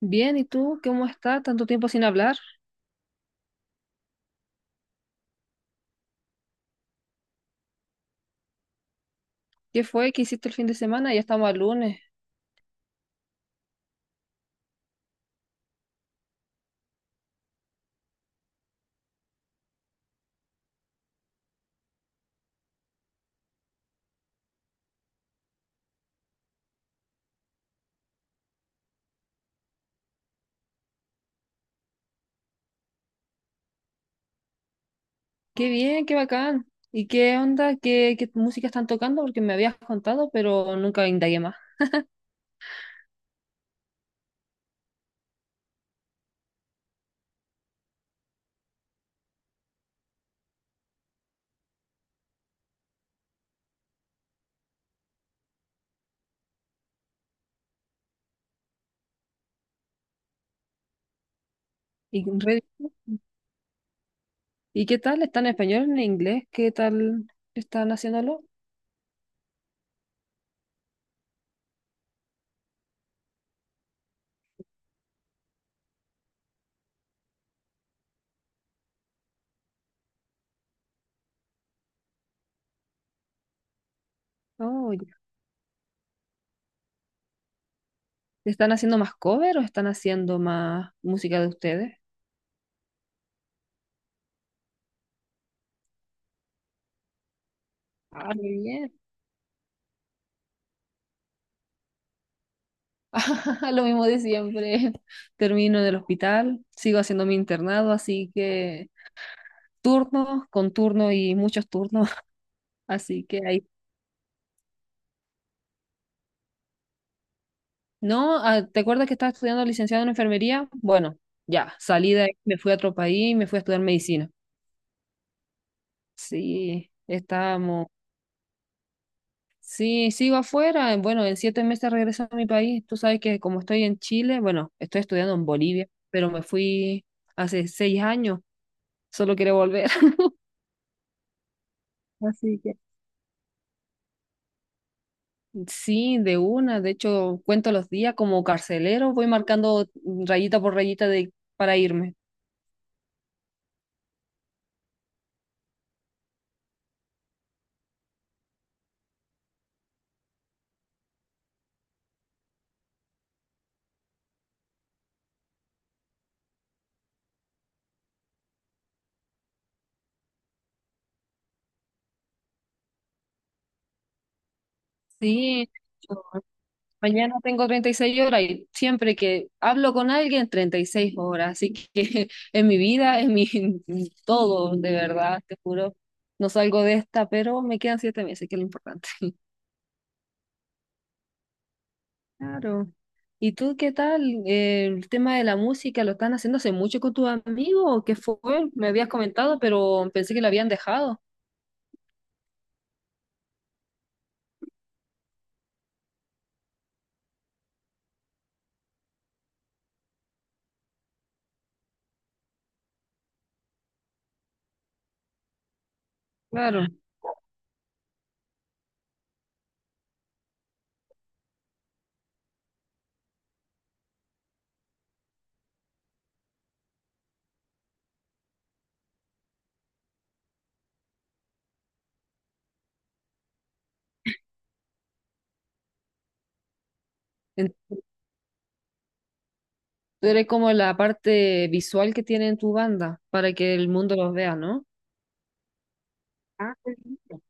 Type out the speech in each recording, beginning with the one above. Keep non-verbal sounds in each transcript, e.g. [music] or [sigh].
Bien, ¿y tú cómo estás? Tanto tiempo sin hablar. ¿Qué fue? ¿Qué hiciste el fin de semana? Ya estamos al lunes. Qué bien, qué bacán. ¿Y qué onda? ¿Qué música están tocando? Porque me habías contado, pero nunca indagué más. ¿Y, re- ¿Y qué tal? ¿Están en español, en inglés? ¿Qué tal están haciéndolo? Oh, ya. ¿Están haciendo más cover o están haciendo más música de ustedes? Ah, muy bien. [laughs] Lo mismo de siempre. Termino del hospital, sigo haciendo mi internado, así que turnos con turno y muchos turnos, [laughs] así que ahí. No, ah, ¿te acuerdas que estaba estudiando licenciado en enfermería? Bueno, ya, salí de ahí, me fui a otro país y me fui a estudiar medicina. Sí, estábamos. Sí, sigo afuera. Bueno, en 7 meses regreso a mi país. Tú sabes que como estoy en Chile, bueno, estoy estudiando en Bolivia, pero me fui hace 6 años. Solo quiero volver. [laughs] Así que. Sí, de una. De hecho, cuento los días como carcelero. Voy marcando rayita por para irme. Sí, yo mañana tengo 36 horas y siempre que hablo con alguien, 36 horas. Así que [laughs] en mi vida, en todo, de verdad, te juro, no salgo de esta, pero me quedan 7 meses, que es lo importante. Claro. ¿Y tú qué tal? El tema de la música, ¿lo están haciendo hace mucho con tus amigos? ¿O qué fue? Me habías comentado, pero pensé que lo habían dejado. Claro. En- Tú eres como la parte visual que tiene en tu banda, para que el mundo los vea, ¿no? Ah, qué lindo.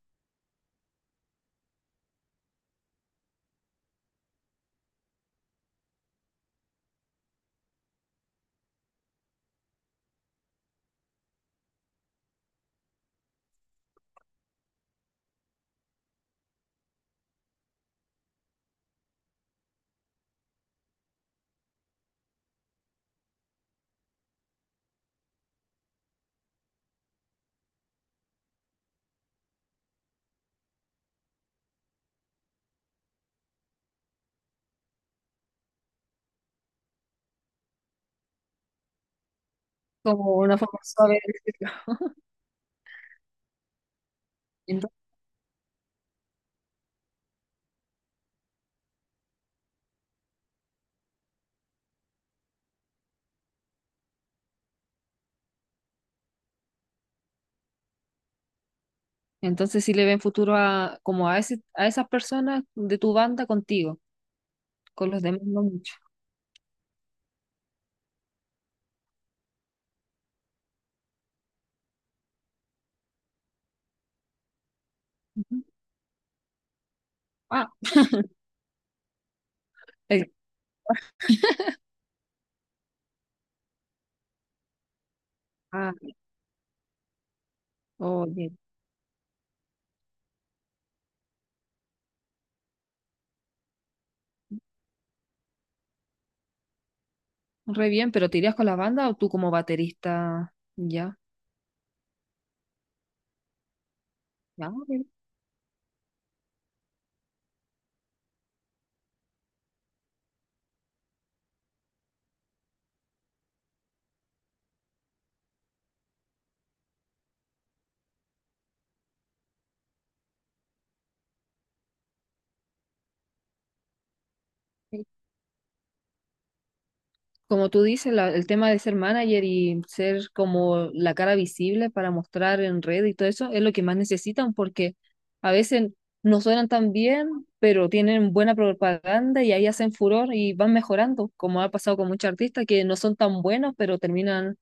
Como una forma suave de decirlo. Ento- Entonces, sí le ven futuro a como a ese, a esas personas de tu banda contigo, con los demás no mucho. Ujú. Ah, el- ah, Oye, re bien, pero ¿te irías con la banda o tú como baterista? Ya, ya, ok. Como tú dices, el tema de ser manager y ser como la cara visible para mostrar en red y todo eso es lo que más necesitan porque a veces no suenan tan bien, pero tienen buena propaganda y ahí hacen furor y van mejorando, como ha pasado con muchos artistas que no son tan buenos, pero terminan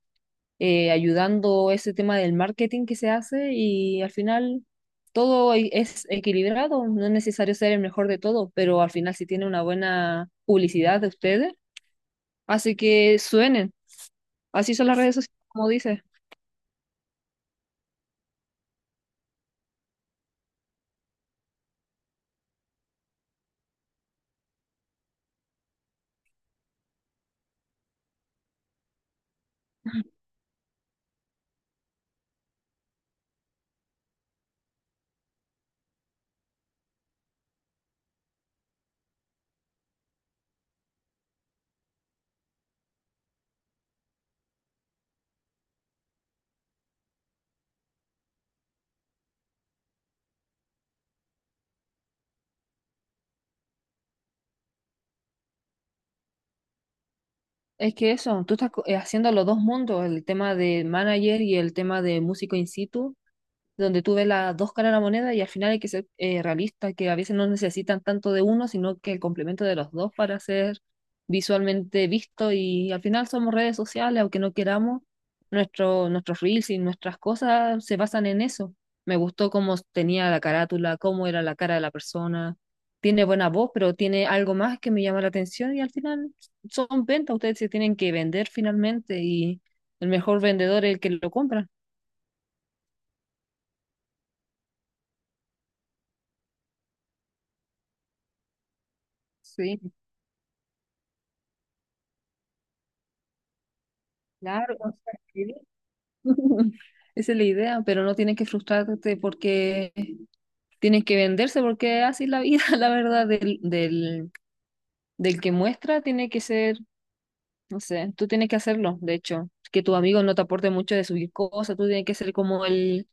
ayudando ese tema del marketing que se hace y al final es equilibrado, no es necesario ser el mejor de todo, pero al final si tiene una buena publicidad de ustedes. Así que suenen. Así son las redes sociales, como dices. Es que eso, tú estás haciendo los dos mundos, el tema de manager y el tema de músico in situ, donde tú ves las dos caras de la moneda y al final hay que ser realista, que a veces no necesitan tanto de uno, sino que el complemento de los dos para ser visualmente visto, y al final somos redes sociales, aunque no queramos, nuestros reels y nuestras cosas se basan en eso. Me gustó cómo tenía la carátula, cómo era la cara de la persona. Tiene buena voz, pero tiene algo más que me llama la atención, y al final son ventas, ustedes se tienen que vender finalmente, y el mejor vendedor es el que lo compra. Sí. Claro, o sea, sí. [laughs] Esa es la idea, pero no tienes que frustrarte porque tienes que venderse, porque así es la vida, [laughs] la verdad, del que muestra tiene que ser, no sé, tú tienes que hacerlo, de hecho, que tu amigo no te aporte mucho de subir cosas, tú tienes que ser como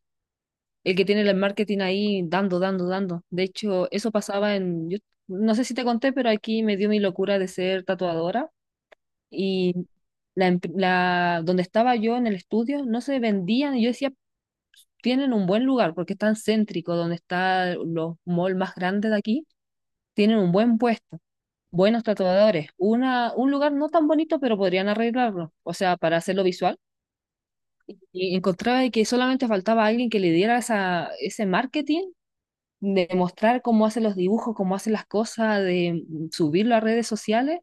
el que tiene el marketing ahí dando, dando, dando. De hecho, eso pasaba en, yo no sé si te conté, pero aquí me dio mi locura de ser tatuadora, y donde estaba yo en el estudio no se vendían. Y yo decía, tienen un buen lugar porque están céntrico, donde están los malls más grandes de aquí, tienen un buen puesto, buenos tatuadores, una, un lugar no tan bonito, pero podrían arreglarlo, o sea, para hacerlo visual. Y encontraba de que solamente faltaba alguien que le diera ese marketing, de mostrar cómo hacen los dibujos, cómo hacen las cosas, de subirlo a redes sociales,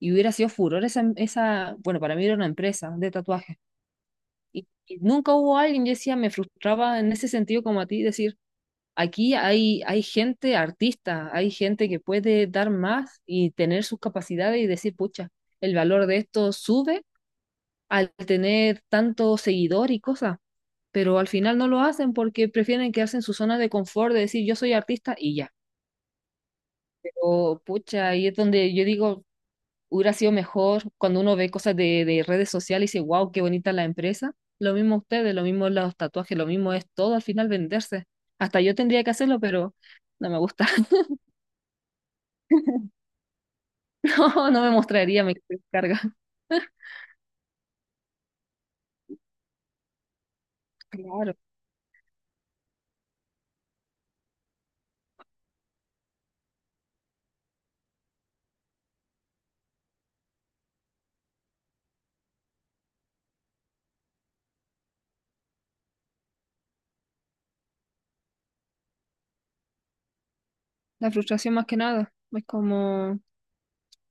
y hubiera sido furor esa, esa bueno, para mí era una empresa de tatuajes. Y nunca hubo alguien, yo decía, me frustraba en ese sentido como a ti, decir, aquí hay gente artista, hay gente que puede dar más y tener sus capacidades y decir, pucha, el valor de esto sube al tener tanto seguidor y cosas, pero al final no lo hacen porque prefieren quedarse en su zona de confort de decir, yo soy artista y ya. Pero pucha, ahí es donde yo digo, hubiera sido mejor cuando uno ve cosas de redes sociales y dice, wow, qué bonita la empresa. Lo mismo ustedes, lo mismo los tatuajes, lo mismo es todo al final venderse. Hasta yo tendría que hacerlo, pero no me gusta. [laughs] [laughs] No, no me mostraría, me carga. Claro, la frustración más que nada. Es como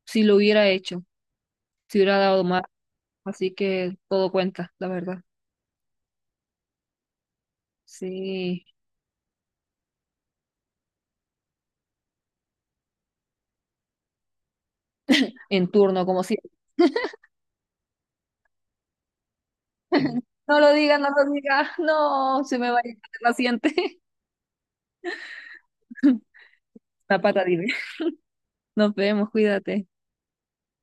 si lo hubiera hecho, si hubiera dado más. Así que todo cuenta, la verdad. Sí, en turno, como si no lo digas, no lo digas, no, se me va a ir el paciente. [laughs] La pata, dime. Nos vemos, cuídate.